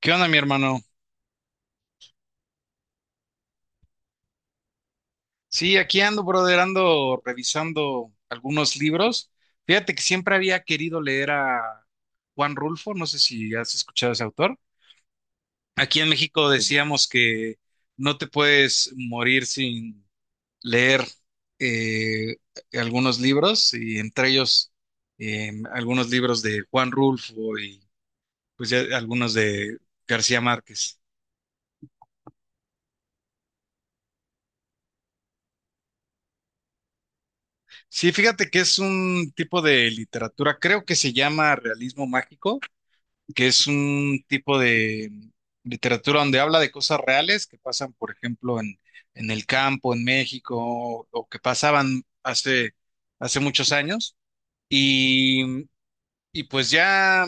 ¿Qué onda, mi hermano? Sí, aquí ando, brother, ando revisando algunos libros. Fíjate que siempre había querido leer a Juan Rulfo, no sé si has escuchado a ese autor. Aquí en México decíamos que no te puedes morir sin leer eh, algunos libros, y entre ellos algunos libros de Juan Rulfo y pues ya algunos de García Márquez. Sí, fíjate que es un tipo de literatura, creo que se llama realismo mágico, que es un tipo de literatura donde habla de cosas reales que pasan, por ejemplo, en el campo, en México, o que pasaban hace muchos años. Y y pues ya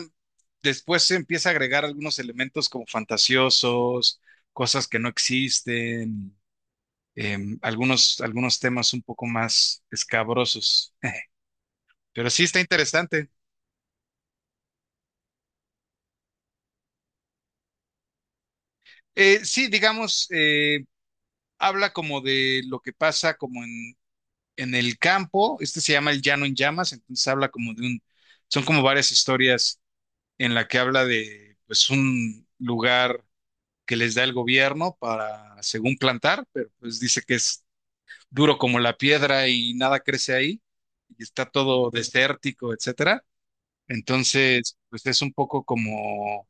después se empieza a agregar algunos elementos como fantasiosos, cosas que no existen, algunos temas un poco más escabrosos. Pero sí está interesante. Sí, digamos, habla como de lo que pasa como en el campo. Este se llama El Llano en Llamas, entonces habla como de un, son como varias historias en la que habla de pues un lugar que les da el gobierno para, según plantar, pero pues dice que es duro como la piedra y nada crece ahí, y está todo desértico, etcétera. Entonces, pues es un poco como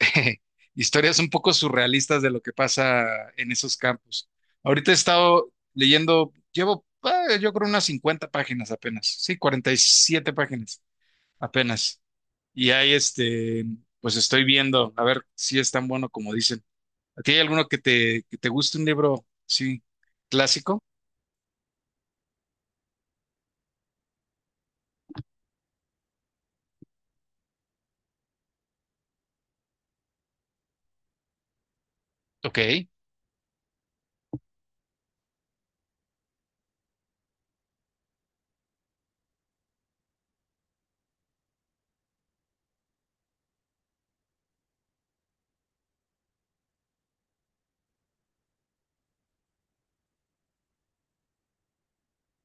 historias un poco surrealistas de lo que pasa en esos campos. Ahorita he estado leyendo, llevo yo creo unas 50 páginas apenas, sí, 47 páginas apenas. Y ahí este, pues estoy viendo, a ver si es tan bueno como dicen. ¿A ti hay alguno que te guste un libro, sí, clásico? Ok.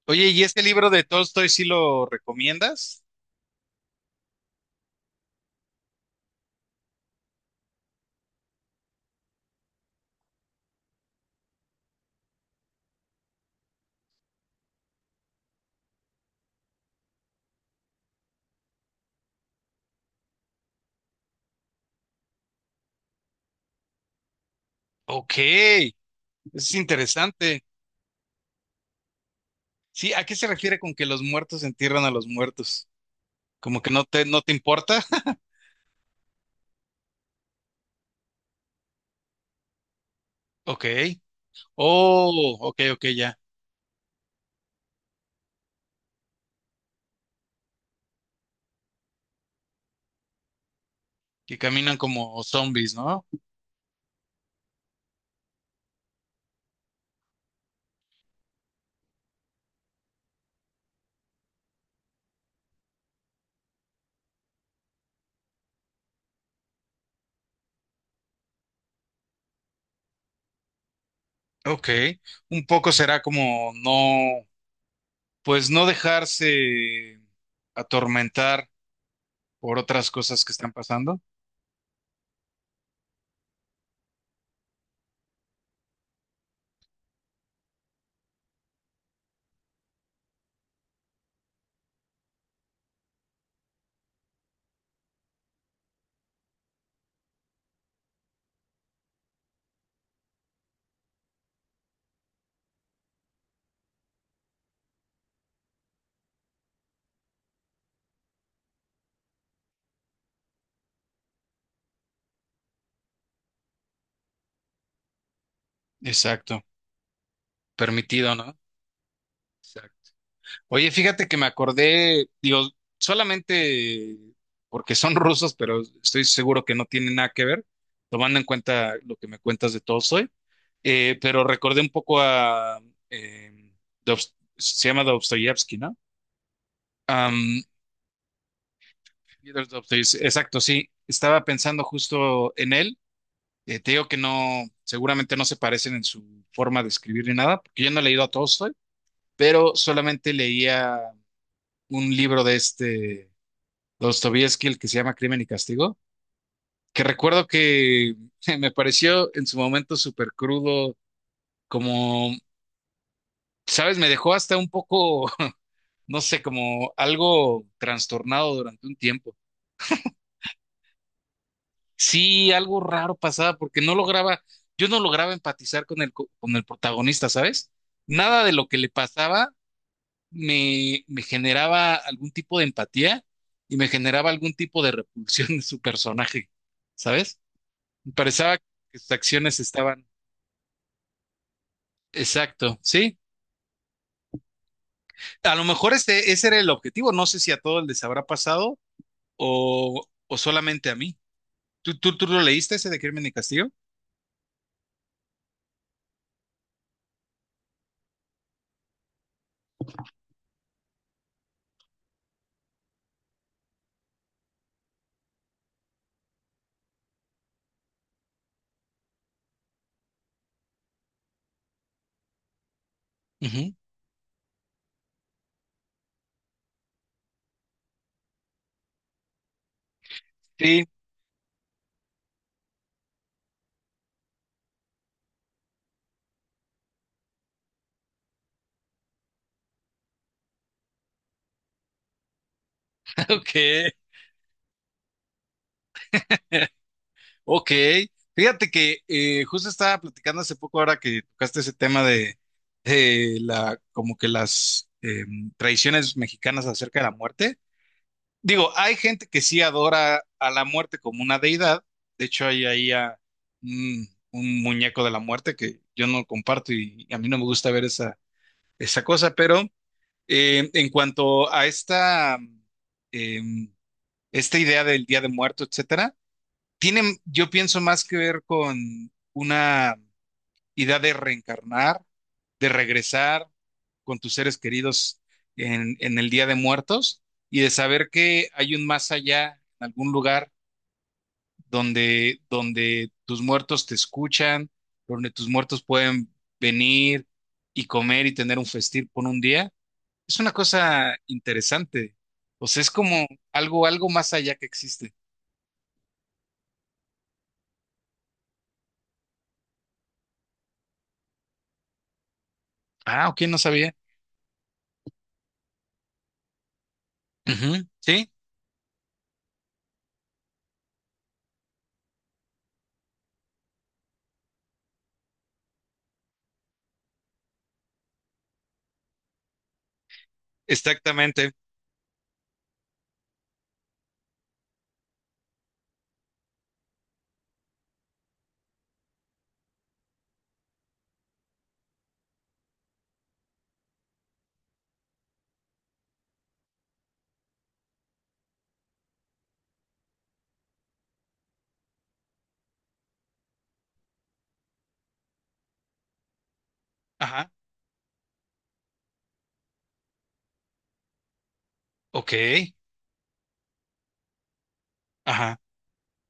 Oye, ¿y este libro de Tolstoy sí lo recomiendas? Ok, eso es interesante. Sí, ¿a qué se refiere con que los muertos entierran a los muertos? Como que no te, no te importa. Ok. Oh, ok, ok, ya. Que caminan como zombies, ¿no? Ok. Un poco será como no, pues no dejarse atormentar por otras cosas que están pasando. Exacto. Permitido, ¿no? Exacto. Oye, fíjate que me acordé, digo, solamente porque son rusos, pero estoy seguro que no tienen nada que ver, tomando en cuenta lo que me cuentas de todo. Pero recordé un poco a... eh, Dobst- se llama Dostoyevsky, ¿no? Am, Fyodor Dostoyevsky, exacto, sí. Estaba pensando justo en él. Te digo que no, seguramente no se parecen en su forma de escribir ni nada, porque yo no he leído a Tolstoy, pero solamente leía un libro de este Dostoyevsky, el que se llama Crimen y Castigo, que recuerdo que me pareció en su momento súper crudo, como, ¿sabes? Me dejó hasta un poco no sé, como algo trastornado durante un tiempo. Sí, algo raro pasaba porque no lograba, yo no lograba empatizar con el, co- con el protagonista, ¿sabes? Nada de lo que le pasaba me, me generaba algún tipo de empatía y me generaba algún tipo de repulsión en su personaje, ¿sabes? Me parecía que sus acciones estaban... Exacto, sí. A lo mejor este, ese era el objetivo. No sé si a todos les habrá pasado o solamente a mí. ¿Tú lo leíste ese de Crimen y Castigo? Ujú. Sí, ok, ok. Fíjate que justo estaba platicando hace poco ahora que tocaste ese tema de la, como que las tradiciones mexicanas acerca de la muerte. Digo, hay gente que sí adora a la muerte como una deidad. De hecho, hay ahí mm, un muñeco de la muerte que yo no comparto y, a mí no me gusta ver esa, esa cosa, pero en cuanto a esta... em, esta idea del Día de Muerto, etcétera, tiene, yo pienso, más que ver con una idea de reencarnar, de regresar con tus seres queridos en el Día de Muertos y de saber que hay un más allá, en algún lugar donde, donde tus muertos te escuchan, donde tus muertos pueden venir y comer y tener un festín por un día. Es una cosa interesante. O sea, es como algo, algo más allá que existe. Ah, ok, no sabía. Ujú, sí, exactamente. Ajá. Ok. Ajá.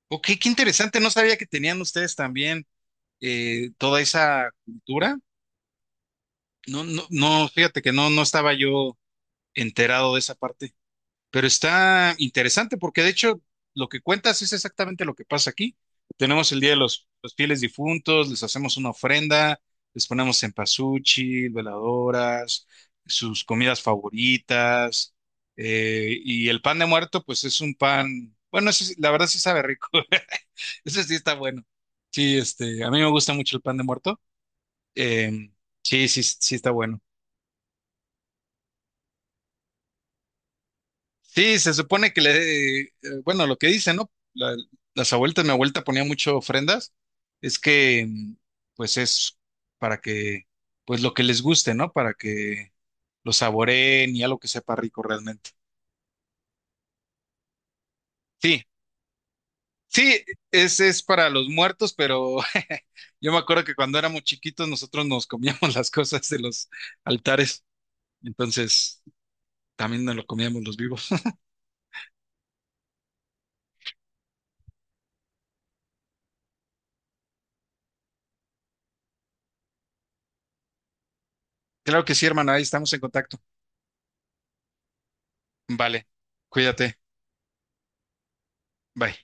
Ok, qué interesante. No sabía que tenían ustedes también toda esa cultura. No, no, no, fíjate que no, no estaba yo enterado de esa parte. Pero está interesante porque de hecho lo que cuentas es exactamente lo que pasa aquí. Tenemos el Día de los Fieles Difuntos, les hacemos una ofrenda, les ponemos cempasúchil, veladoras, sus comidas favoritas. Y el pan de muerto, pues es un pan, bueno, ese sí- la verdad sí sabe rico. Ese sí está bueno. Sí, este, a mí me gusta mucho el pan de muerto. Em, sí, sí, sí está bueno. Sí, se supone que le, bueno, lo que dicen, ¿no? La- las abuelitas, mi abuelita ponía mucho ofrendas, es que, pues es para que, pues lo que les guste, ¿no? Para que lo saboreen y algo que sepa rico realmente. Sí, sí, ese es para los muertos, pero yo me acuerdo que cuando éramos chiquitos nosotros nos comíamos las cosas de los altares, entonces también nos lo comíamos los vivos. Claro que sí, hermano, ahí estamos en contacto. Vale, cuídate, bye.